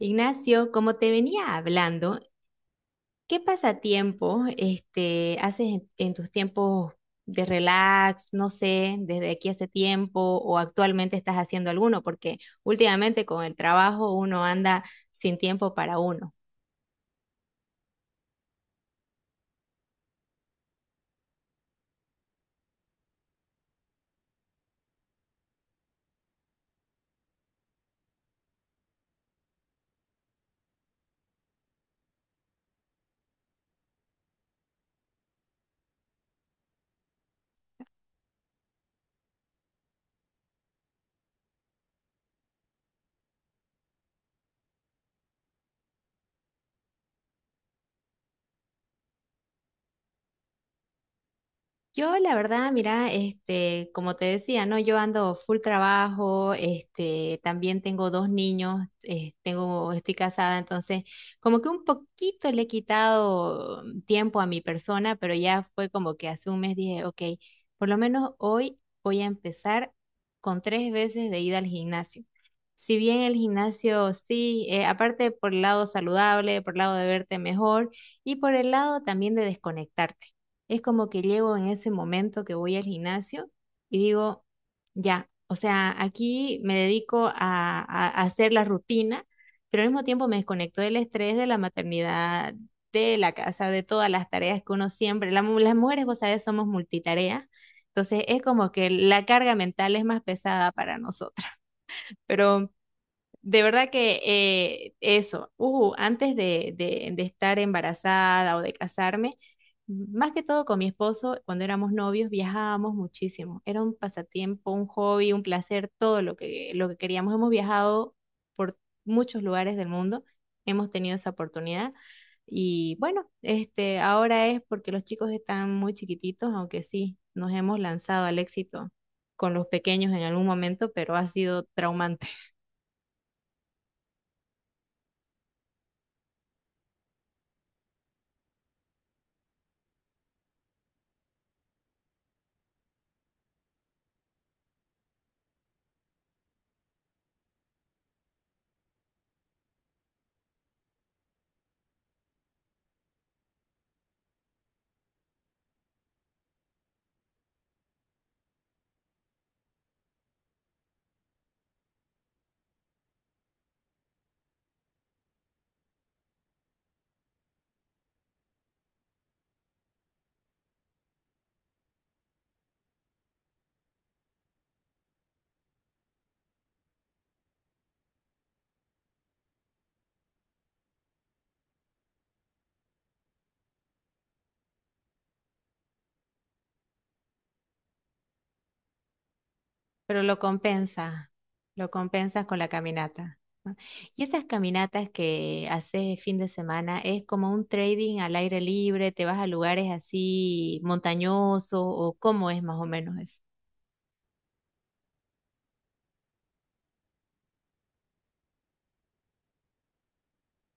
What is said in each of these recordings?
Ignacio, como te venía hablando, ¿qué pasatiempos haces en tus tiempos de relax? No sé, desde aquí hace tiempo o actualmente estás haciendo alguno, porque últimamente con el trabajo uno anda sin tiempo para uno. Yo, la verdad, mira, este, como te decía, ¿no? Yo ando full trabajo, este, también tengo dos niños, tengo, estoy casada, entonces como que un poquito le he quitado tiempo a mi persona, pero ya fue como que hace un mes dije, ok, por lo menos hoy voy a empezar con tres veces de ida al gimnasio. Si bien el gimnasio sí, aparte por el lado saludable, por el lado de verte mejor y por el lado también de desconectarte. Es como que llego en ese momento que voy al gimnasio y digo, ya, o sea, aquí me dedico a hacer la rutina, pero al mismo tiempo me desconecto del estrés de la maternidad, de la casa, de todas las tareas que uno siempre, las mujeres, vos sabés, somos multitareas. Entonces es como que la carga mental es más pesada para nosotras. Pero de verdad que eso, antes de estar embarazada o de casarme, más que todo con mi esposo, cuando éramos novios, viajábamos muchísimo. Era un pasatiempo, un hobby, un placer, todo lo que queríamos. Hemos viajado por muchos lugares del mundo, hemos tenido esa oportunidad. Y bueno, este, ahora es porque los chicos están muy chiquititos, aunque sí, nos hemos lanzado al éxito con los pequeños en algún momento, pero ha sido traumante. Pero lo compensa, lo compensas con la caminata. ¿No? Y esas caminatas que haces fin de semana es como un trading al aire libre, te vas a lugares así montañosos o cómo es más o menos eso.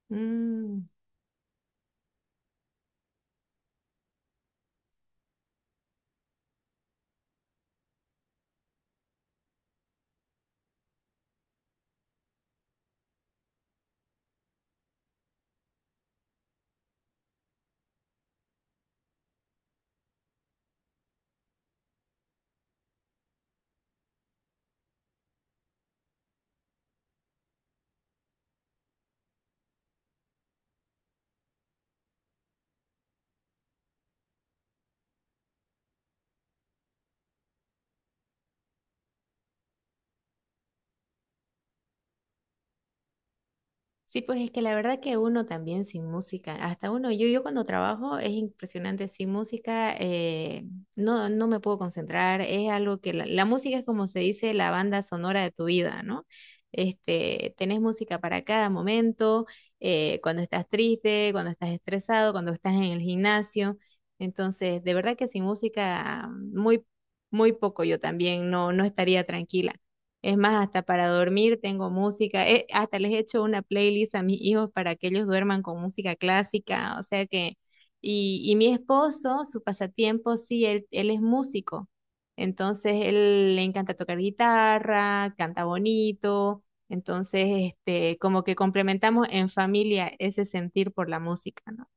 Mm. Sí, pues es que la verdad que uno también sin música, hasta uno, yo cuando trabajo es impresionante, sin música no, no me puedo concentrar, es algo que la música es como se dice la banda sonora de tu vida, ¿no? Este, tenés música para cada momento, cuando estás triste, cuando estás estresado, cuando estás en el gimnasio, entonces de verdad que sin música muy, muy poco yo también no, no estaría tranquila. Es más, hasta para dormir tengo música. Hasta les he hecho una playlist a mis hijos para que ellos duerman con música clásica. O sea que, y mi esposo, su pasatiempo, sí, él es músico. Entonces, él le encanta tocar guitarra, canta bonito. Entonces, este, como que complementamos en familia ese sentir por la música, ¿no?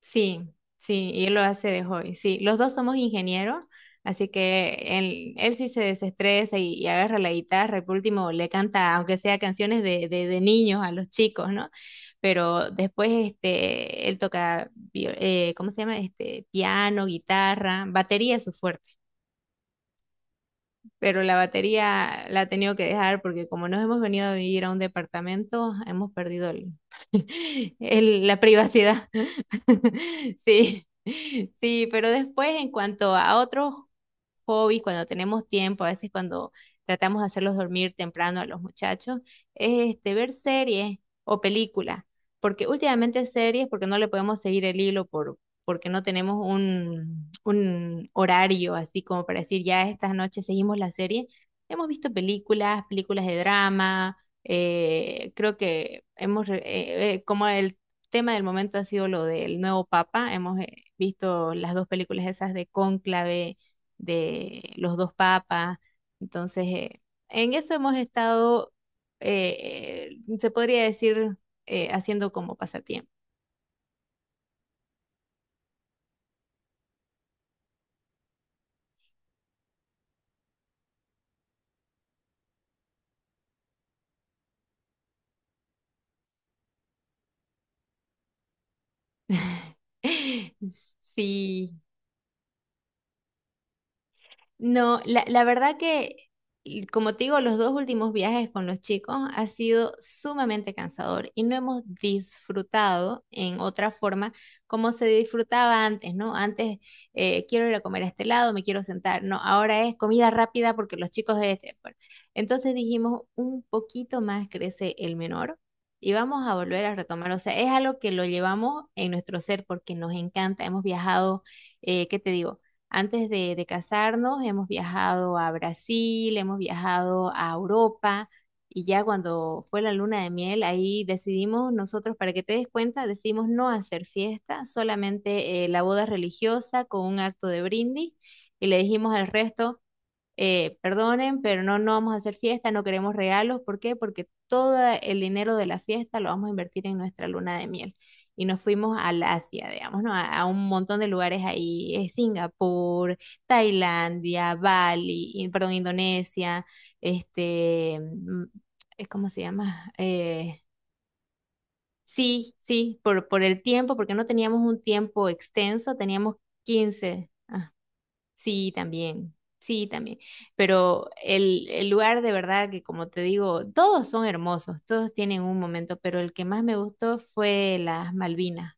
Sí, sí, y él lo hace de hobby. Sí, los dos somos ingenieros, así que él sí se desestresa y agarra la guitarra y por último le canta, aunque sea canciones de niños a los chicos, ¿no? Pero después este, él toca, ¿cómo se llama? Este, piano, guitarra, batería es su fuerte, pero la batería la he tenido que dejar porque como nos hemos venido a vivir a un departamento, hemos perdido la privacidad. Sí, sí, pero después en cuanto a otros hobbies, cuando tenemos tiempo, a veces cuando tratamos de hacerlos dormir temprano a los muchachos, es este, ver series o películas, porque últimamente series, porque no le podemos seguir el hilo porque no tenemos un horario así como para decir, ya estas noches seguimos la serie. Hemos visto películas, películas de drama, creo que hemos, como el tema del momento ha sido lo del nuevo papa, hemos visto las dos películas esas de Cónclave de los dos papas. Entonces, en eso hemos estado, se podría decir, haciendo como pasatiempo. Sí, no, la verdad que, y como te digo, los dos últimos viajes con los chicos ha sido sumamente cansador y no hemos disfrutado en otra forma como se disfrutaba antes, ¿no? Antes quiero ir a comer a este lado, me quiero sentar, no, ahora es comida rápida porque los chicos de este. Bueno. Entonces dijimos, un poquito más crece el menor y vamos a volver a retomar. O sea, es algo que lo llevamos en nuestro ser porque nos encanta, hemos viajado, ¿qué te digo? Antes de casarnos hemos viajado a Brasil, hemos viajado a Europa y ya cuando fue la luna de miel, ahí decidimos nosotros, para que te des cuenta, decidimos no hacer fiesta, solamente la boda religiosa con un acto de brindis y le dijimos al resto, perdonen, pero no, no vamos a hacer fiesta, no queremos regalos. ¿Por qué? Porque todo el dinero de la fiesta lo vamos a invertir en nuestra luna de miel. Y nos fuimos al Asia, digamos, ¿no? A un montón de lugares ahí, Singapur, Tailandia, Bali, perdón, Indonesia, este, ¿cómo se llama? Sí, sí, por el tiempo, porque no teníamos un tiempo extenso, teníamos 15. Sí, también, sí, también. Pero el lugar de verdad que, como te digo, todos son hermosos, todos tienen un momento, pero el que más me gustó fue las Malvinas.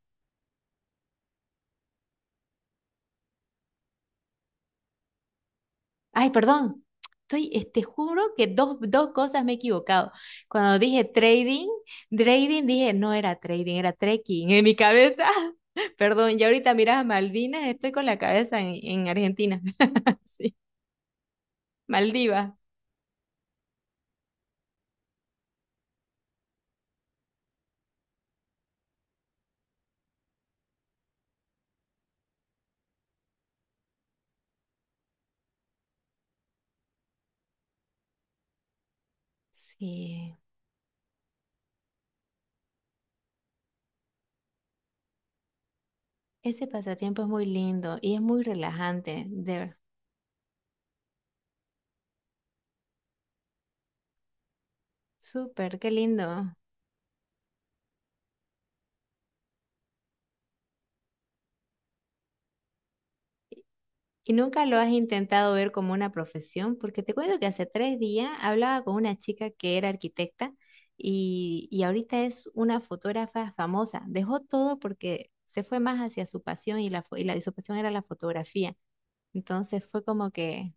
Ay, perdón, estoy, te juro que dos cosas me he equivocado. Cuando dije trading, trading dije, no era trading, era trekking en mi cabeza. Perdón, y ahorita miras a Malvinas, estoy con la cabeza en Argentina. Sí, Maldivas. Sí. Ese pasatiempo es muy lindo y es muy relajante, súper, qué lindo. ¿Y nunca lo has intentado ver como una profesión? Porque te cuento que hace tres días hablaba con una chica que era arquitecta y ahorita es una fotógrafa famosa. Dejó todo porque se fue más hacia su pasión y, la, fo- y, la, y su pasión era la fotografía. Entonces fue como que,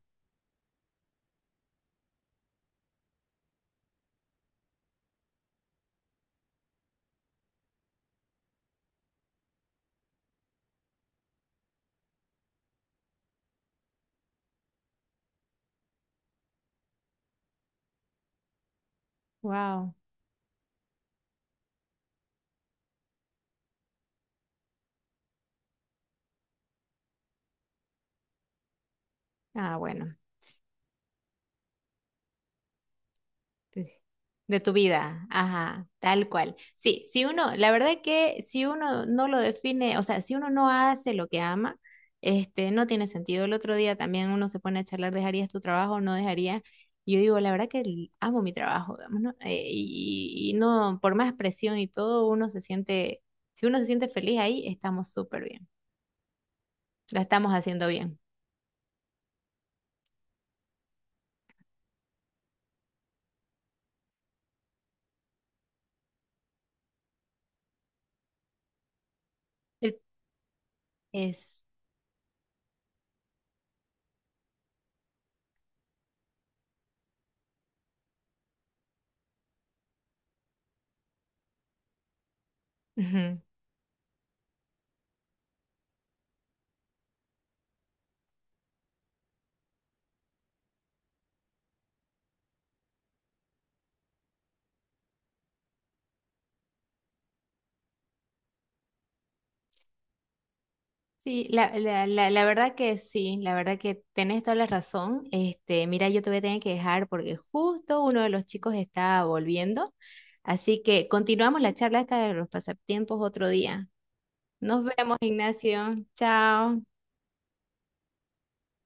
wow, ah, bueno. De de tu vida, ajá, tal cual. Sí, si uno, la verdad que si uno no lo define, o sea, si uno no hace lo que ama, este, no tiene sentido. El otro día también uno se pone a charlar, ¿dejarías tu trabajo? ¿No dejarías? Y yo digo, la verdad que amo mi trabajo, digamos, ¿no? Y no, por más presión y todo, uno se siente, si uno se siente feliz ahí, estamos súper bien, la estamos haciendo bien. El- Es. Ujú. Sí, la verdad que sí, la verdad que tenés toda la razón. Este, mira, yo te voy a tener que dejar porque justo uno de los chicos está volviendo. Así que continuamos la charla esta de los pasatiempos otro día. Nos vemos, Ignacio. Chao.